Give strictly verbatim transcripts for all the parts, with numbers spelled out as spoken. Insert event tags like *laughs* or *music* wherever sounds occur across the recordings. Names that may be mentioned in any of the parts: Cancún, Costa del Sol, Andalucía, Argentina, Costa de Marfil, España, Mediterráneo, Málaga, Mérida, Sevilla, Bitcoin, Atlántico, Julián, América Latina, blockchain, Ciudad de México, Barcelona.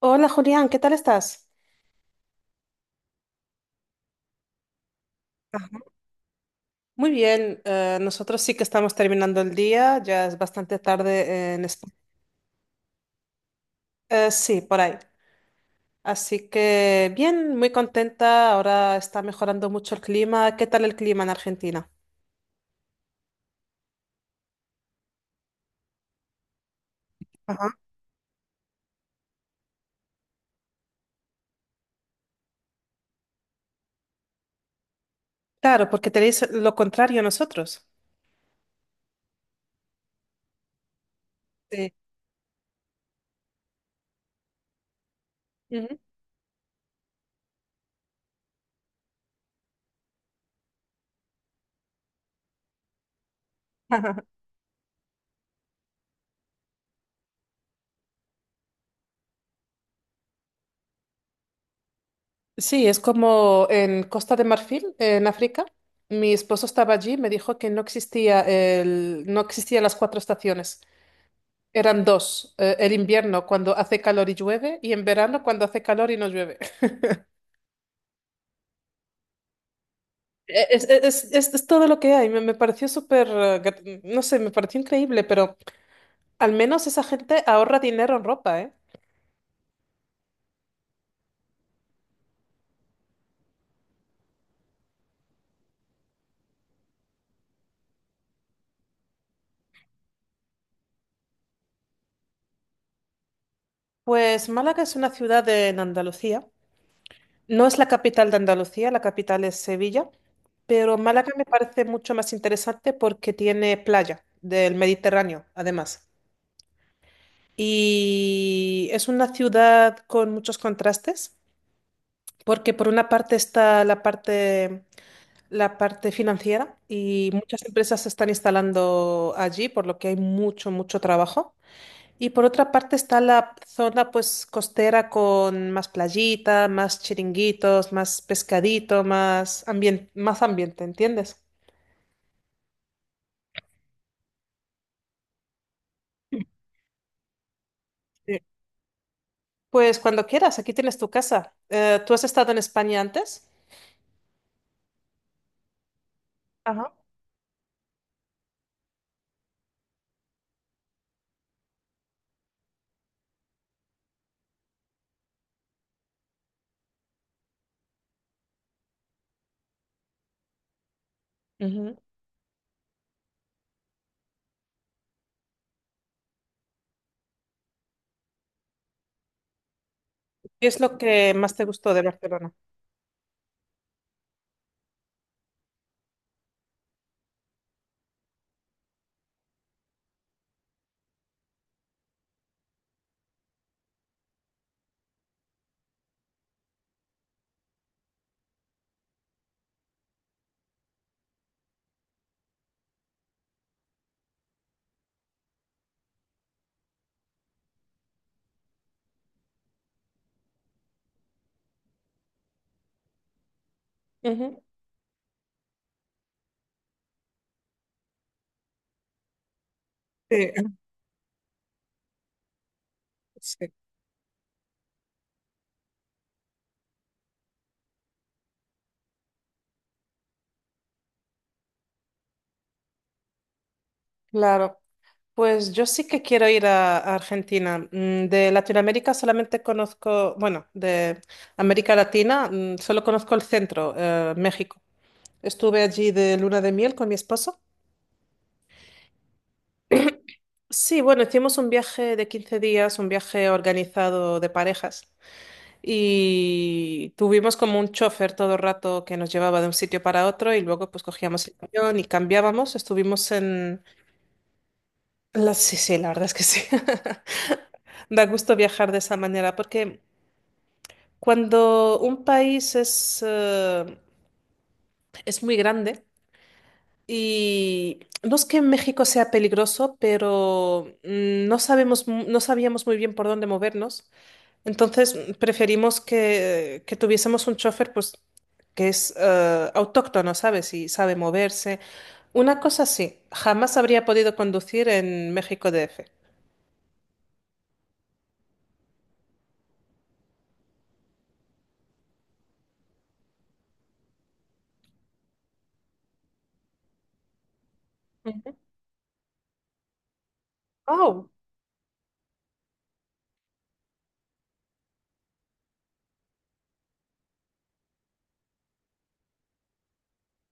Hola Julián, ¿qué tal estás? Muy bien, eh, nosotros sí que estamos terminando el día, ya es bastante tarde en España. Eh, sí, por ahí. Así que bien, muy contenta, ahora está mejorando mucho el clima. ¿Qué tal el clima en Argentina? Ajá. Claro, porque tenéis lo contrario a nosotros. Sí. Ujú. *laughs* Sí, es como en Costa de Marfil, en África. Mi esposo estaba allí, me dijo que no existía el, no existían las cuatro estaciones. Eran dos, eh, el invierno cuando hace calor y llueve y en verano cuando hace calor y no llueve. *laughs* Es, eh, es- es- es todo lo que hay, me, me pareció súper, eh, grat- no sé, me pareció increíble, pero al menos esa gente ahorra dinero en ropa, ¿eh? Pues Málaga es una ciudad en Andalucía, no es la capital de Andalucía, la capital es Sevilla, pero Málaga me parece mucho más interesante porque tiene playa del Mediterráneo, además. Y es una ciudad con muchos contrastes. Porque por una parte está la parte, la parte financiera y muchas empresas se están instalando allí, por lo que hay mucho, mucho trabajo. Y por otra parte está la zona pues costera con más playita, más chiringuitos, más pescadito, más ambien- más ambiente, ¿entiendes? Sí. Pues cuando quieras, aquí tienes tu casa. Eh, ¿tú has estado en España antes? Ajá. Ujú. ¿Qué es lo que más te gustó de Barcelona? Ujú. Sí, *laughs* sí. Claro. Pues yo sí que quiero ir a, a Argentina. Mm, de Latinoamérica solamente conozco, bueno, de América Latina mm, solo conozco el centro, eh, México. Estuve allí de luna de miel con mi esposo. Sí, bueno, hicimos un viaje de quince días, un viaje organizado de parejas y tuvimos como un chofer todo el rato que nos llevaba de un sitio para otro y luego pues cogíamos el avión y cambiábamos. Estuvimos en... La... Sí, sí, la verdad es que sí. *laughs* Da gusto viajar de esa manera porque cuando un país es, eh, es muy grande y no es que México sea peligroso, pero mm, no sabemos, mu- no sabíamos muy bien por dónde movernos. Entonces mm, preferimos que, que tuviésemos un chofer pues, que es eh, autóctono, ¿sabes? Y sabe moverse. Una cosa sí, jamás habría podido conducir en México D F. Ujú. Oh,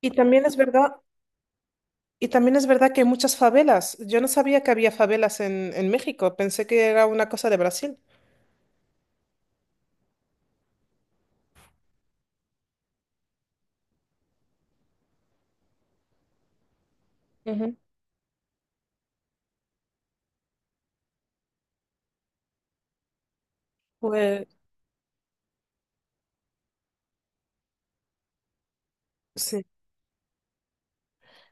y también es verdad, y también es verdad que hay muchas favelas. Yo no sabía que había favelas en, en México, pensé que era una cosa de Brasil. Ujú. Pues sí,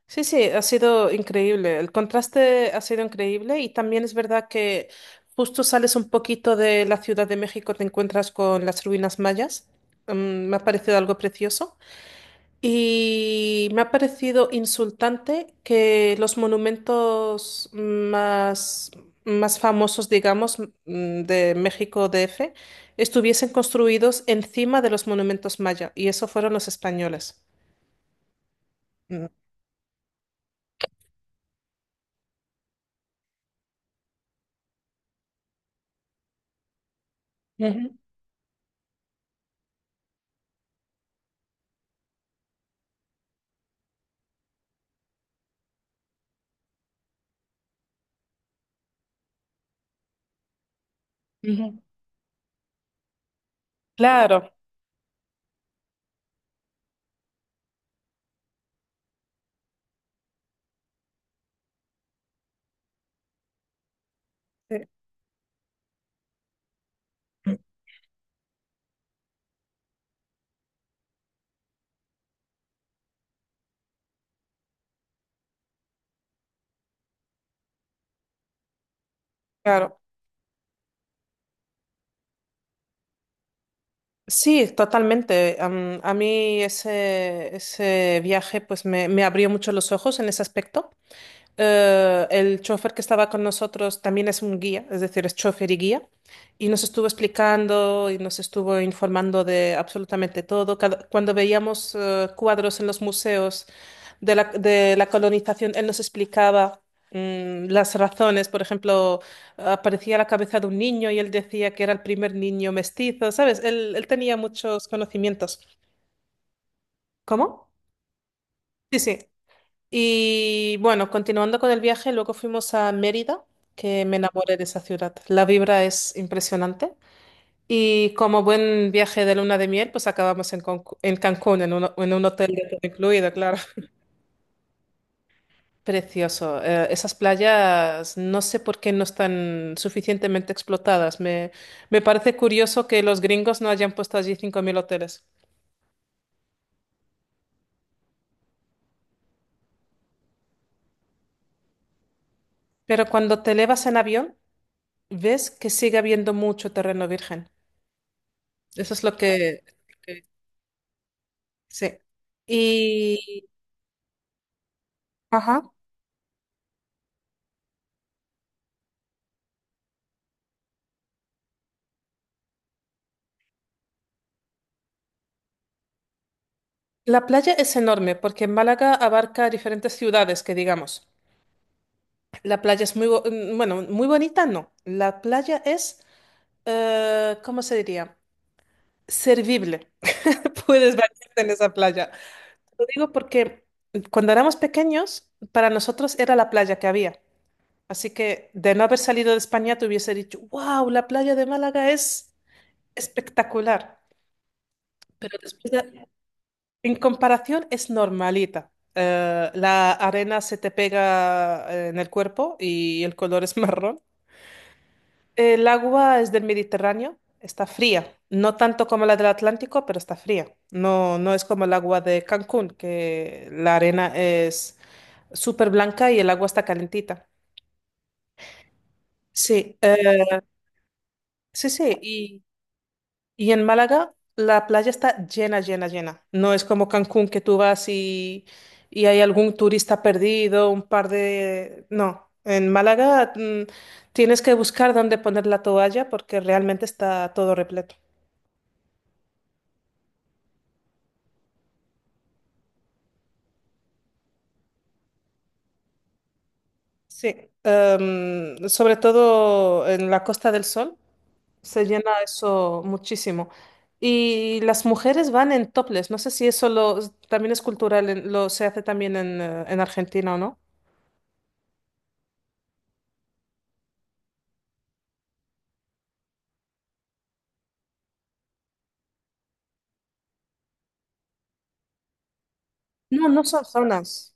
sí, sí, ha sido increíble. El contraste ha sido increíble y también es verdad que justo sales un poquito de la Ciudad de México, te encuentras con las ruinas mayas. Mm, me ha parecido algo precioso. Y me ha parecido insultante que los monumentos más, más famosos, digamos, mm, de México D F, estuviesen construidos encima de los monumentos maya, y eso fueron los españoles. Mm. Ujú, ujú. Claro, eh, claro. Sí, totalmente. Am- a mí ese, ese viaje pues me, me abrió mucho los ojos en ese aspecto. Eh, el chofer que estaba con nosotros también es un guía, es decir, es chofer y guía, y nos estuvo explicando y nos estuvo informando de absolutamente todo. Cada- cuando veíamos eh, cuadros en los museos de la, de la colonización, él nos explicaba mm, las razones. Por ejemplo, aparecía la cabeza de un niño y él decía que era el primer niño mestizo, ¿sabes? Él, él tenía muchos conocimientos. ¿Cómo? Sí, sí. Y bueno, continuando con el viaje, luego fuimos a Mérida, que me enamoré de esa ciudad. La vibra es impresionante. Y como buen viaje de luna de miel, pues acabamos en, Concu- en Cancún, en un, en un hotel de todo incluido, claro. *laughs* Precioso. Eh, esas playas no sé por qué no están suficientemente explotadas. Me, me parece curioso que los gringos no hayan puesto allí cinco mil hoteles. Pero cuando te elevas en avión, ves que sigue habiendo mucho terreno virgen. Eso es lo que... Sí. Y, ajá. La playa es enorme porque Málaga abarca diferentes ciudades, que digamos. La playa es muy, bo- mm, bueno, muy bonita, no. La playa es, eh, ¿cómo se diría? Servible. *laughs* Puedes bañarte en esa playa. Lo digo porque cuando éramos pequeños, para nosotros era la playa que había. Así que de no haber salido de España, te hubiese dicho, wow, la playa de Málaga es espectacular. Pero después de, En comparación es normalita. Eh, la arena se te pega eh, en el cuerpo y el color es *laughs* marrón. El agua es del Mediterráneo, está fría. No tanto como la del Atlántico, pero está fría. No, no es como el agua de Cancún, que la arena es súper blanca y el agua está calentita. Sí, eh, sí, sí. Y y en Málaga la playa está llena, llena, llena. No es como Cancún que tú vas y, y hay algún turista perdido, un par de... No, en Málaga mm, tienes que buscar dónde poner la toalla porque realmente está todo repleto. Sí, em, sobre todo en la Costa del Sol se llena eso muchísimo. Y las mujeres van en topless. No sé si eso lo, también es cultural, en- lo se hace también en, eh, en Argentina o no. No, no son zonas.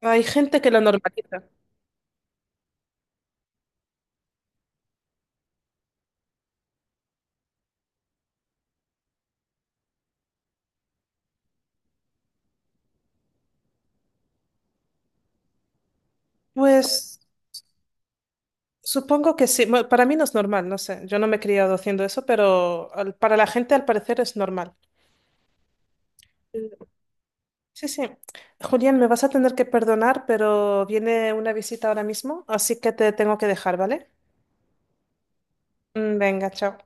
Hay gente que lo normaliza. Pues supongo que sí. Bueno, para mí no es normal, no sé. Yo no me he criado haciendo eso, pero al- para la gente al parecer es normal. Sí, sí. Julián, me vas a tener que perdonar, pero viene una visita ahora mismo, así que te tengo que dejar, ¿vale? Mm, Venga, chao.